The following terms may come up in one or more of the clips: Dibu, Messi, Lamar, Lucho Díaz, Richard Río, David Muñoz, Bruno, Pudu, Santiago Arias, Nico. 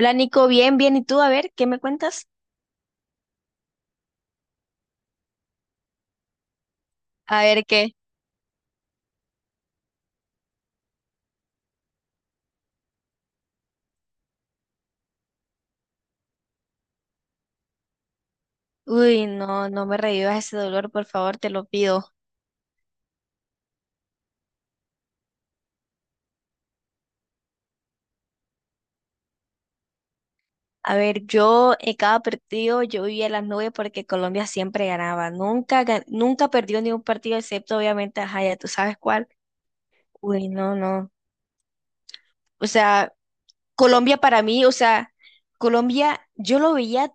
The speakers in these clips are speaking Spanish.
Hola Nico, bien, bien. ¿Y tú? A ver, ¿qué me cuentas? A ver qué. Uy, no, no me revivas ese dolor, por favor, te lo pido. A ver, yo en cada partido yo vivía las nubes porque Colombia siempre ganaba. Nunca, nunca perdió ningún partido, excepto obviamente, ajá, ya tú sabes cuál. Uy, no, no. O sea, Colombia para mí, o sea, Colombia, yo lo veía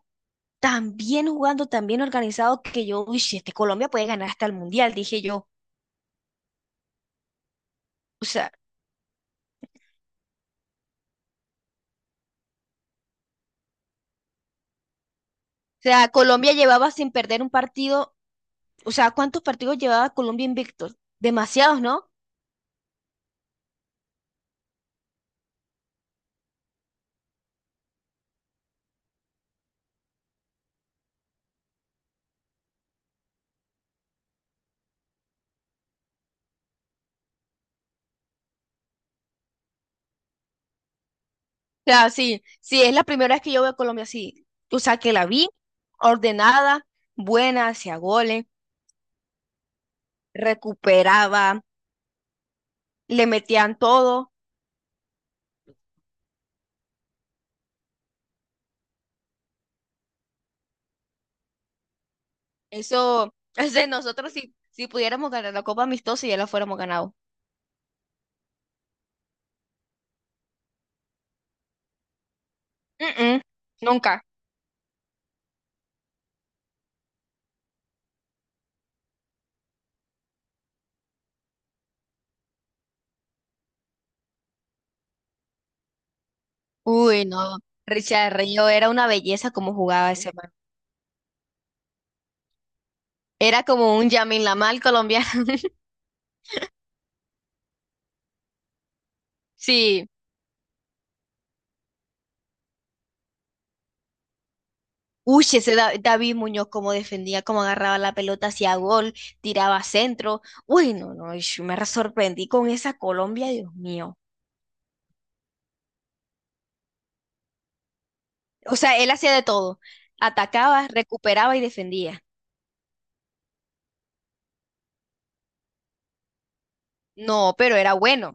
tan bien jugando, tan bien organizado que yo, uy, si este Colombia puede ganar hasta el Mundial, dije yo. O sea, o sea, Colombia llevaba sin perder un partido. O sea, ¿cuántos partidos llevaba Colombia invicto? Demasiados, ¿no? O sea, sí, sí, es la primera vez que yo veo a Colombia así. O sea, que la vi ordenada, buena, hacía goles, recuperaba, le metían todo. Eso, es de nosotros si, si pudiéramos ganar la Copa Amistosa ya la fuéramos ganado. Mm-mm, nunca. Uy, no. Richard Río era una belleza como jugaba ese man. Era como un Lamar colombiano. Sí. Uy, ese David Muñoz como defendía, como agarraba la pelota hacía gol, tiraba centro. Uy, no, no, ish, me sorprendí con esa Colombia, Dios mío. O sea, él hacía de todo. Atacaba, recuperaba y defendía. No, pero era bueno.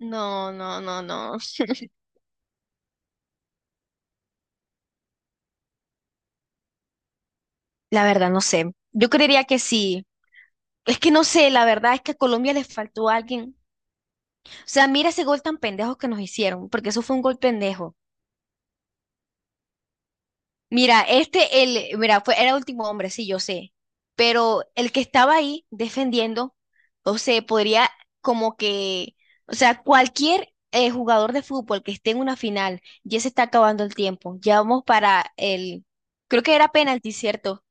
No, no, no, no. La verdad, no sé. Yo creería que sí. Es que no sé, la verdad es que a Colombia le faltó alguien. O sea, mira ese gol tan pendejo que nos hicieron, porque eso fue un gol pendejo. Mira, este, el, mira, fue, era último hombre, sí, yo sé, pero el que estaba ahí defendiendo, o sea, podría como que, o sea, cualquier jugador de fútbol que esté en una final, ya se está acabando el tiempo, ya vamos para el, creo que era penalti, ¿cierto?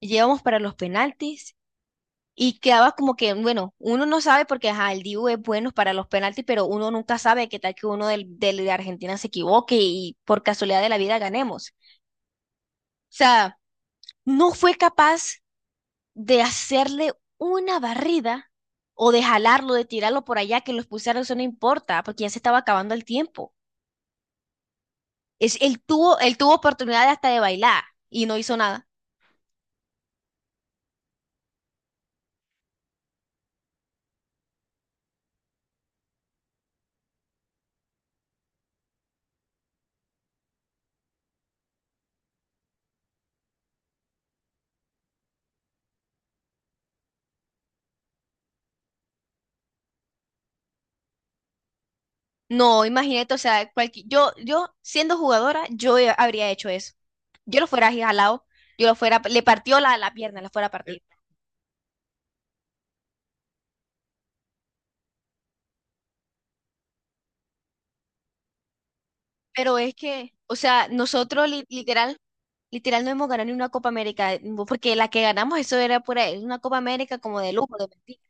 Llevamos para los penaltis y quedaba como que, bueno, uno no sabe porque, ajá, el Dibu es bueno para los penaltis, pero uno nunca sabe qué tal que uno del, de Argentina se equivoque y por casualidad de la vida ganemos. O sea, no fue capaz de hacerle una barrida o de jalarlo, de tirarlo por allá, que los pulsaron, eso no importa, porque ya se estaba acabando el tiempo. Es, él tuvo oportunidad hasta de bailar y no hizo nada. No, imagínate, o sea, yo, yo siendo jugadora, habría hecho eso. Yo lo fuera jalado, yo lo fuera, le partió la, la pierna, la fuera a partir. Pero es que, o sea, nosotros literal. Literal, no hemos ganado ni una Copa América, porque la que ganamos eso era pura, era una Copa América como de lujo, de mentira.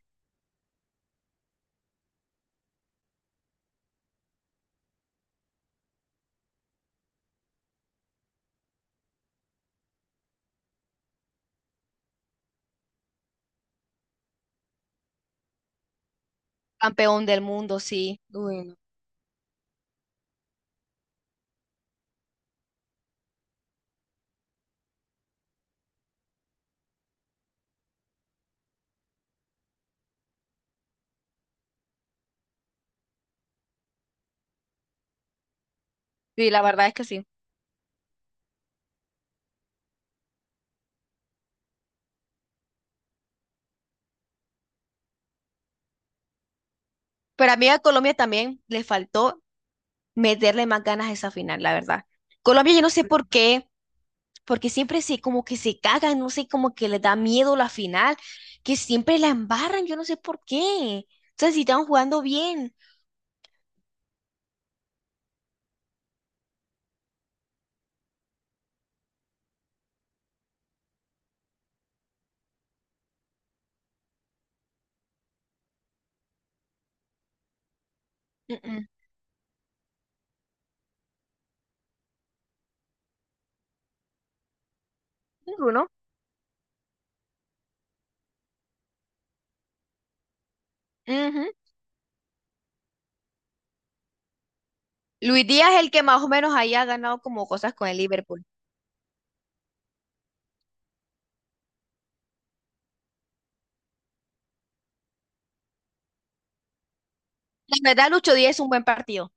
Campeón del mundo, sí. Bueno. Sí, la verdad es que sí. Pero a mí a Colombia también le faltó meterle más ganas a esa final, la verdad. Colombia, yo no sé por qué. Porque siempre se como que se cagan, no sé, como que les da miedo la final, que siempre la embarran, yo no sé por qué. O sea, si están jugando bien. Mm, mm. Bruno. Ujú. Luis Díaz es el que más o menos ahí ha ganado como cosas con el Liverpool. La verdad, Lucho Díaz es un buen partido.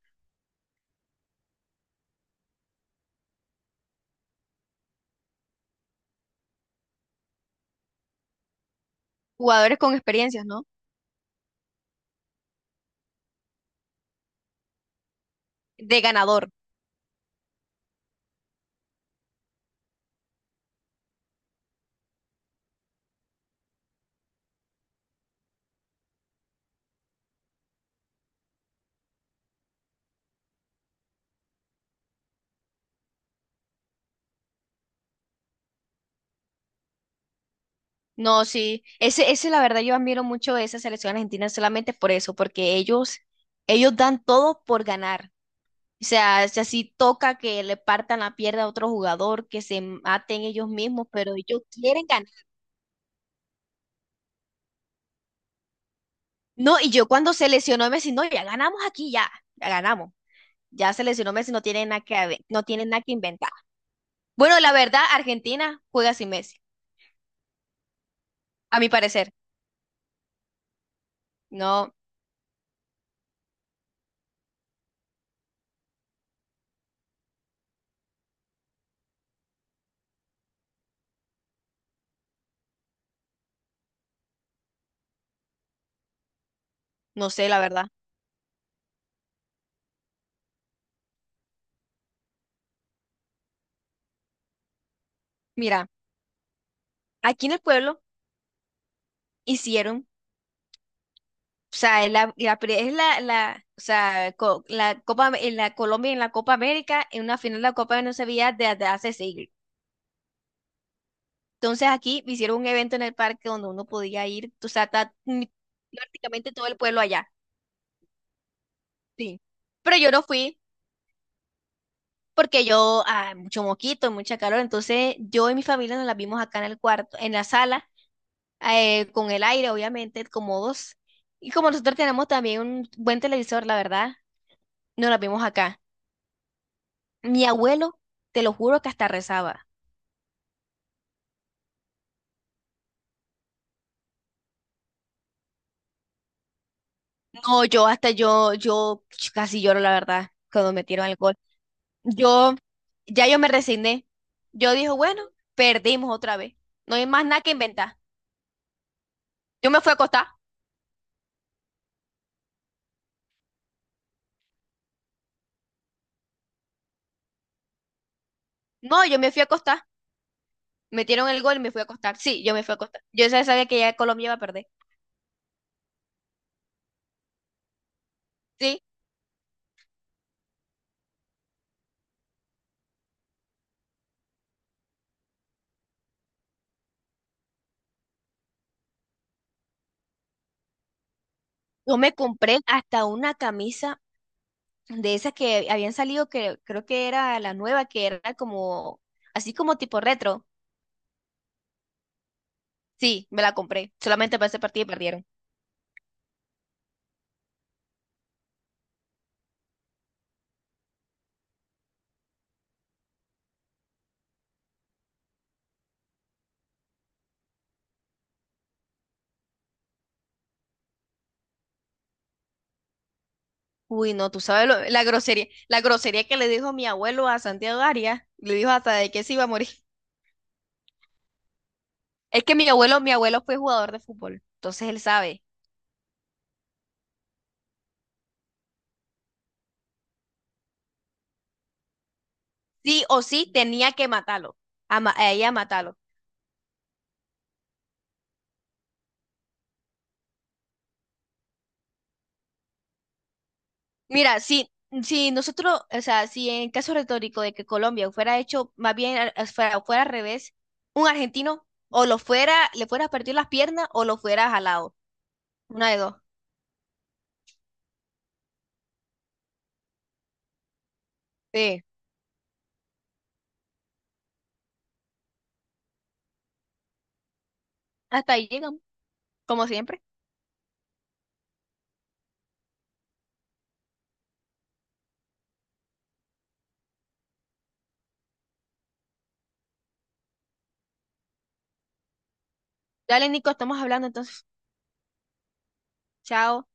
Jugadores con experiencias, ¿no? De ganador. No, sí. Ese, la verdad, yo admiro mucho esa selección argentina solamente por eso, porque ellos dan todo por ganar. O sea, si así toca que le partan la pierna a otro jugador, que se maten ellos mismos, pero ellos quieren ganar. No, y yo cuando se lesionó Messi, no, ya ganamos aquí, ya, ya ganamos. Ya se lesionó Messi, no tiene nada que, no tiene nada que inventar. Bueno, la verdad, Argentina juega sin Messi, a mi parecer. No, no sé, la verdad. Mira, aquí en el pueblo hicieron, o sea, es la, la es la, o sea, la Copa, en la Colombia en la Copa América, en una final de la Copa de no se veía desde hace siglos. Entonces aquí hicieron un evento en el parque donde uno podía ir, o sea, prácticamente todo el pueblo allá. Sí. Pero yo no fui porque yo, ah, mucho moquito, mucha calor, entonces yo y mi familia nos la vimos acá en el cuarto, en la sala, con el aire, obviamente, cómodos. Y como nosotros tenemos también un buen televisor, la verdad, nos la vimos acá. Mi abuelo, te lo juro que hasta rezaba. No, yo casi lloro, la verdad, cuando metieron alcohol. Yo, ya yo me resigné. Yo dije, bueno, perdimos otra vez. No hay más nada que inventar. Yo me fui a acostar. No, yo me fui a acostar. Metieron el gol y me fui a acostar. Sí, yo me fui a acostar. Yo ya sabía que ya Colombia iba a perder. Sí, yo me compré hasta una camisa de esas que habían salido, que creo que era la nueva, que era como, así como tipo retro. Sí, me la compré, solamente para ese partido y perdieron. Uy, no, tú sabes la grosería que le dijo mi abuelo a Santiago Arias, le dijo hasta de que se iba a morir. Es que mi abuelo fue jugador de fútbol, entonces él sabe. Sí o sí tenía que matarlo, a, a ella matarlo. Mira, si, si nosotros, o sea, si en caso retórico de que Colombia fuera hecho, más bien fuera, fuera al revés, un argentino o lo fuera, le fuera a partir las piernas o lo fuera jalado. Una de dos. Sí. Hasta ahí llegamos, como siempre. Dale, Nico, estamos hablando entonces. Chao.